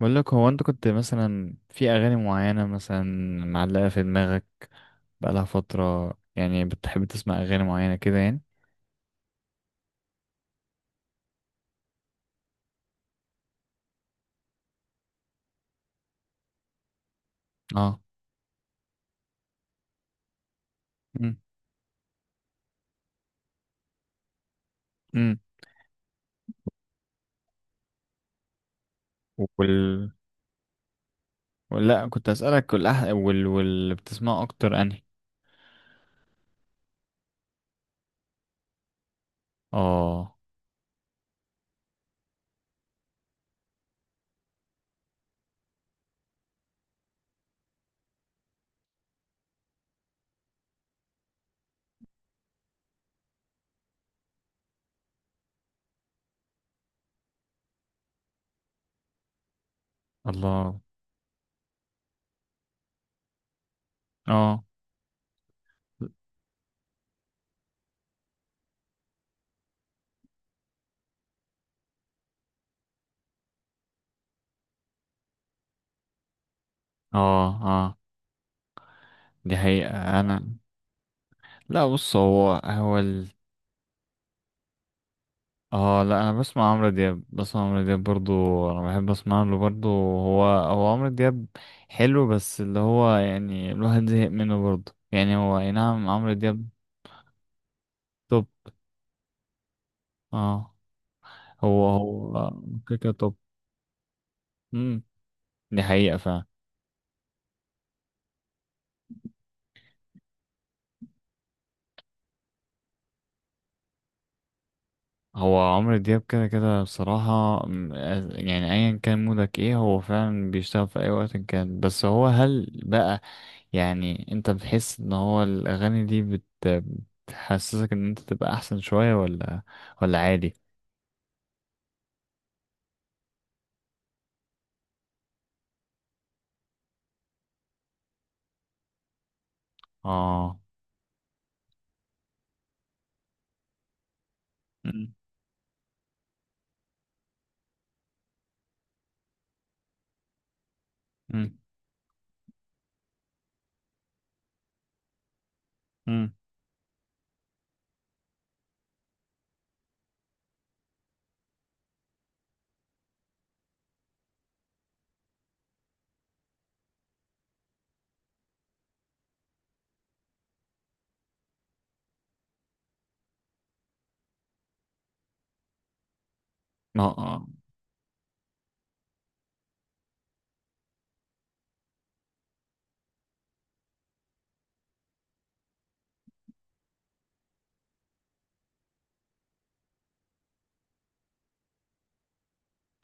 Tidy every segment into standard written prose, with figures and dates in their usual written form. بقول لك هو انت كنت مثلا في اغاني معينه مثلا معلقه في دماغك بقالها فتره، يعني بتحب تسمع اغاني معينه كده يعني؟ اه. امم امم وال لا، كنت اسالك والأح... وال واللي بتسمعه اكتر انهي؟ اه. الله. اه. اه. اه. دي حقيقه. لا، بص، هو اه، لا، انا بسمع عمرو دياب، بسمع عمرو دياب برضو. انا بحب اسمع له برضو. هو عمرو دياب حلو، بس اللي هو يعني الواحد زهق منه برضو، يعني هو اي نعم عمرو دياب توب. اه. هو كده كده توب. امم دي حقيقة فعلا. هو عمرو دياب كده كده بصراحة يعني ايا كان مودك ايه هو فعلا بيشتغل في اي وقت كان. بس هو هل بقى يعني انت بتحس ان هو الاغاني دي بتحسسك ان انت تبقى احسن شوية، ولا عادي؟ اه. مم. مم. مم. اه. آه.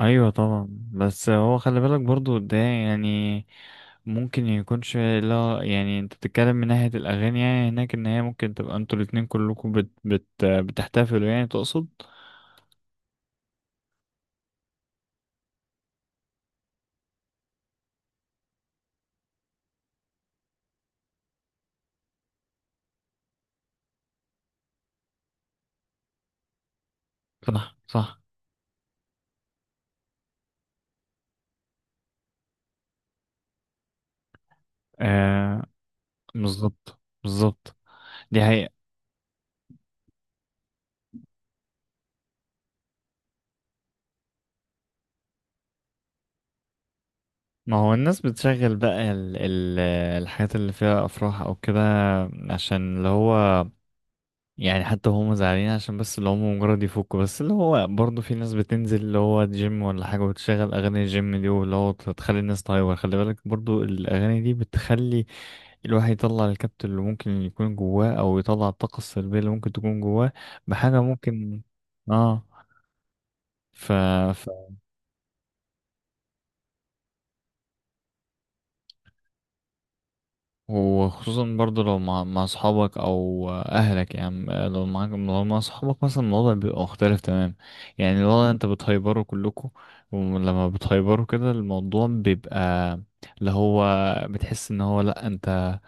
ايوه طبعا، بس هو خلي بالك برضو ده يعني ممكن يكونش، لا يعني انت بتتكلم من ناحية الاغاني، يعني هناك ان هي ممكن تبقى انتوا الاتنين كلكم بتحتفلوا يعني، تقصد؟ صح، صح. آه، بالظبط بالظبط. دي حقيقة. ما هو الناس بتشغل بقى ال الحاجات اللي فيها أفراح أو كده، عشان اللي هو يعني حتى هم زعلانين عشان بس اللي هم مجرد يفكوا. بس اللي هو برضه في ناس بتنزل اللي هو جيم ولا حاجة وتشغل أغاني الجيم دي، واللي هو تخلي الناس تهايبر. خلي بالك برضه الأغاني دي بتخلي الواحد يطلع الكبت اللي ممكن يكون جواه، أو يطلع الطاقة السلبية اللي ممكن تكون جواه بحاجة ممكن. اه. ف... وخصوصا برضو لو مع اصحابك او اهلك، يعني لو معاك لو مع اصحابك مثلا الوضع بيبقى مختلف تمام. يعني الوضع انت بتهيبروا كلكم، ولما بتهيبروا كده الموضوع بيبقى اللي هو بتحس ان هو لا، انت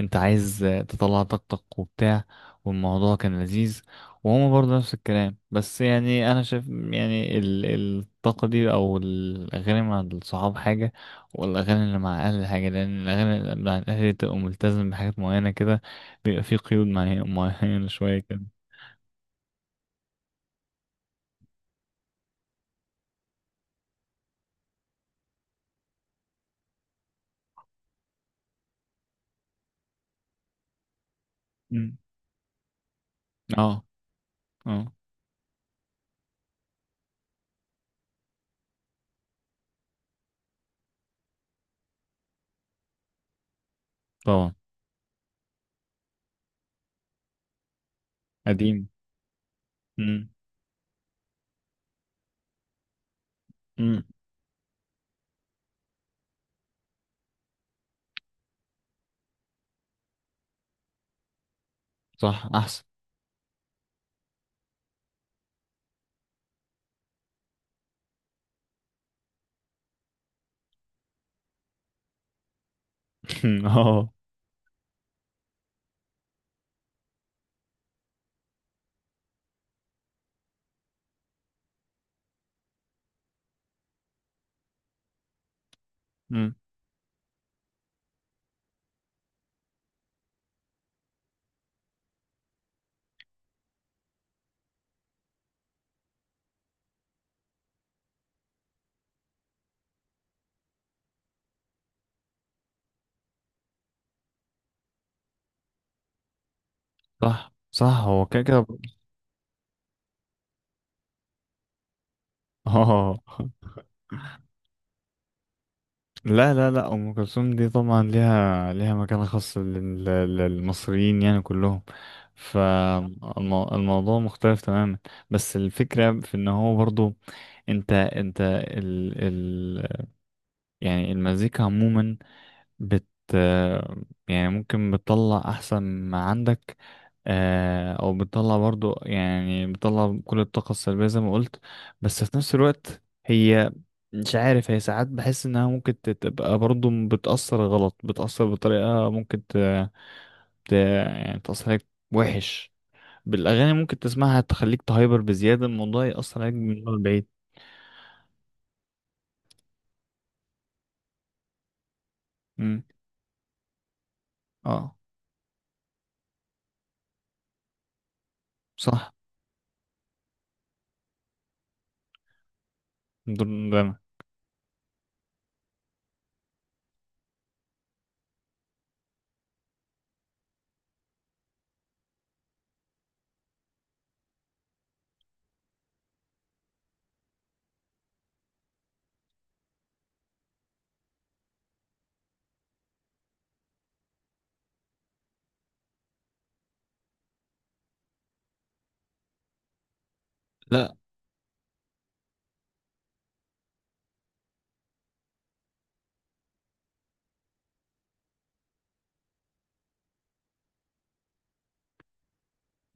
انت عايز تطلع طاقتك وبتاع، والموضوع كان لذيذ. وهما برضه نفس الكلام. بس يعني انا شايف يعني الطاقة دي او الاغاني مع الصحاب حاجة، والأغاني اللي مع أهل الحاجة، لأن الأغاني اللي مع الأهل دي بتبقى ملتزم بحاجات معينة كده، بيبقى في قيود معينة شوية كده. مم. اه. اه. طبعا. قديم. مم. مم. صح، أحسن. اه. مم. صح صح. هو كده كده. اه، لا، ام كلثوم دي طبعا ليها مكانه خاصه للمصريين يعني كلهم، فالموضوع مختلف تماما. بس الفكره في ان هو برضو انت ال ال يعني المزيكا عموما بت آه، يعني ممكن بتطلع احسن ما عندك، آه، او بتطلع برضو يعني بتطلع كل الطاقة السلبية زي ما قلت. بس في نفس الوقت هي، مش عارف، هي ساعات بحس انها ممكن تبقى برضو بتأثر غلط، بتأثر بطريقة ممكن يعني تأثر عليك وحش. بالاغاني ممكن تسمعها تخليك تهايبر بزيادة، الموضوع يأثر عليك من بعيد. مم. اه. صح. ده أنا.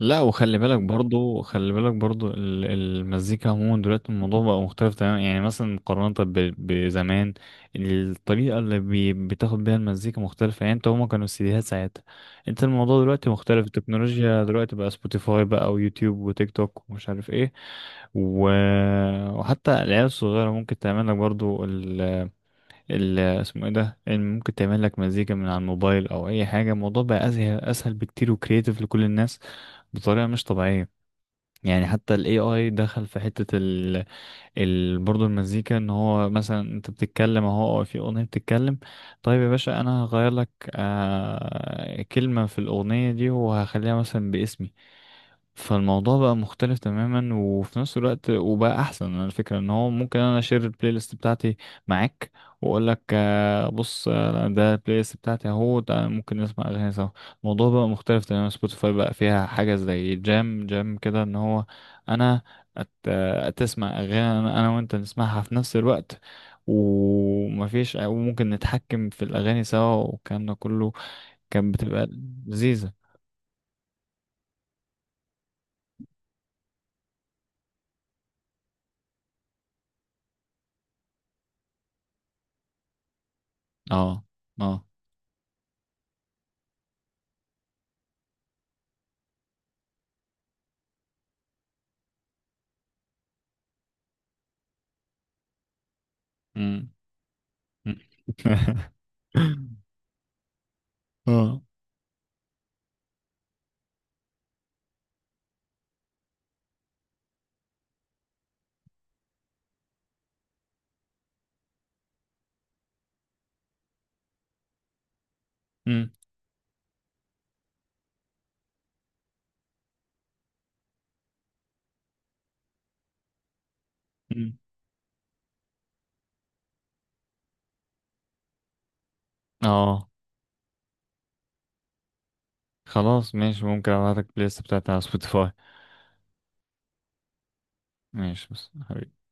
لا، وخلي بالك برضو، خلي بالك برضو المزيكا عموما دلوقتي الموضوع بقى مختلف تماما، يعني مثلا مقارنة بزمان. الطريقة اللي بتاخد بيها المزيكا مختلفة، يعني انت هما كانوا السيديهات ساعتها. انت الموضوع دلوقتي مختلف، التكنولوجيا دلوقتي، بقى سبوتيفاي بقى ويوتيوب وتيك توك ومش عارف ايه و... وحتى العيال الصغيرة ممكن تعمل لك برضو اسمه ايه ده، ممكن تعمل لك مزيكا من على الموبايل او اي حاجة. الموضوع بقى اسهل، اسهل بكتير، وكرييتيف لكل الناس بطريقة مش طبيعية. يعني حتى ال AI دخل في حتة برضه المزيكا، ان هو مثلا انت بتتكلم اهو، أو في اغنية بتتكلم، طيب يا باشا انا هغير لك آه... كلمة في الاغنية دي وهخليها مثلا باسمي. فالموضوع بقى مختلف تماما، وفي نفس الوقت وبقى احسن. انا الفكره ان هو ممكن انا اشير البلاي ليست بتاعتي معاك، واقول لك آه، بص، آه، ده البلاي ليست بتاعتي اهو، تعالى ممكن نسمع اغاني سوا. الموضوع بقى مختلف تماما، سبوتيفاي بقى فيها حاجه زي جام جام كده، ان هو انا آه، تسمع اغاني انا، وانت نسمعها في نفس الوقت، ومفيش، وممكن نتحكم في الاغاني سوا والكلام ده كله. كانت بتبقى لذيذه. اه. اه. مم. اه. مم. مم. اه. خلاص ماشي، ممكن ابعتلك البلاي ليست بتاعتي على سبوتيفاي. ماشي، بس حبيبي.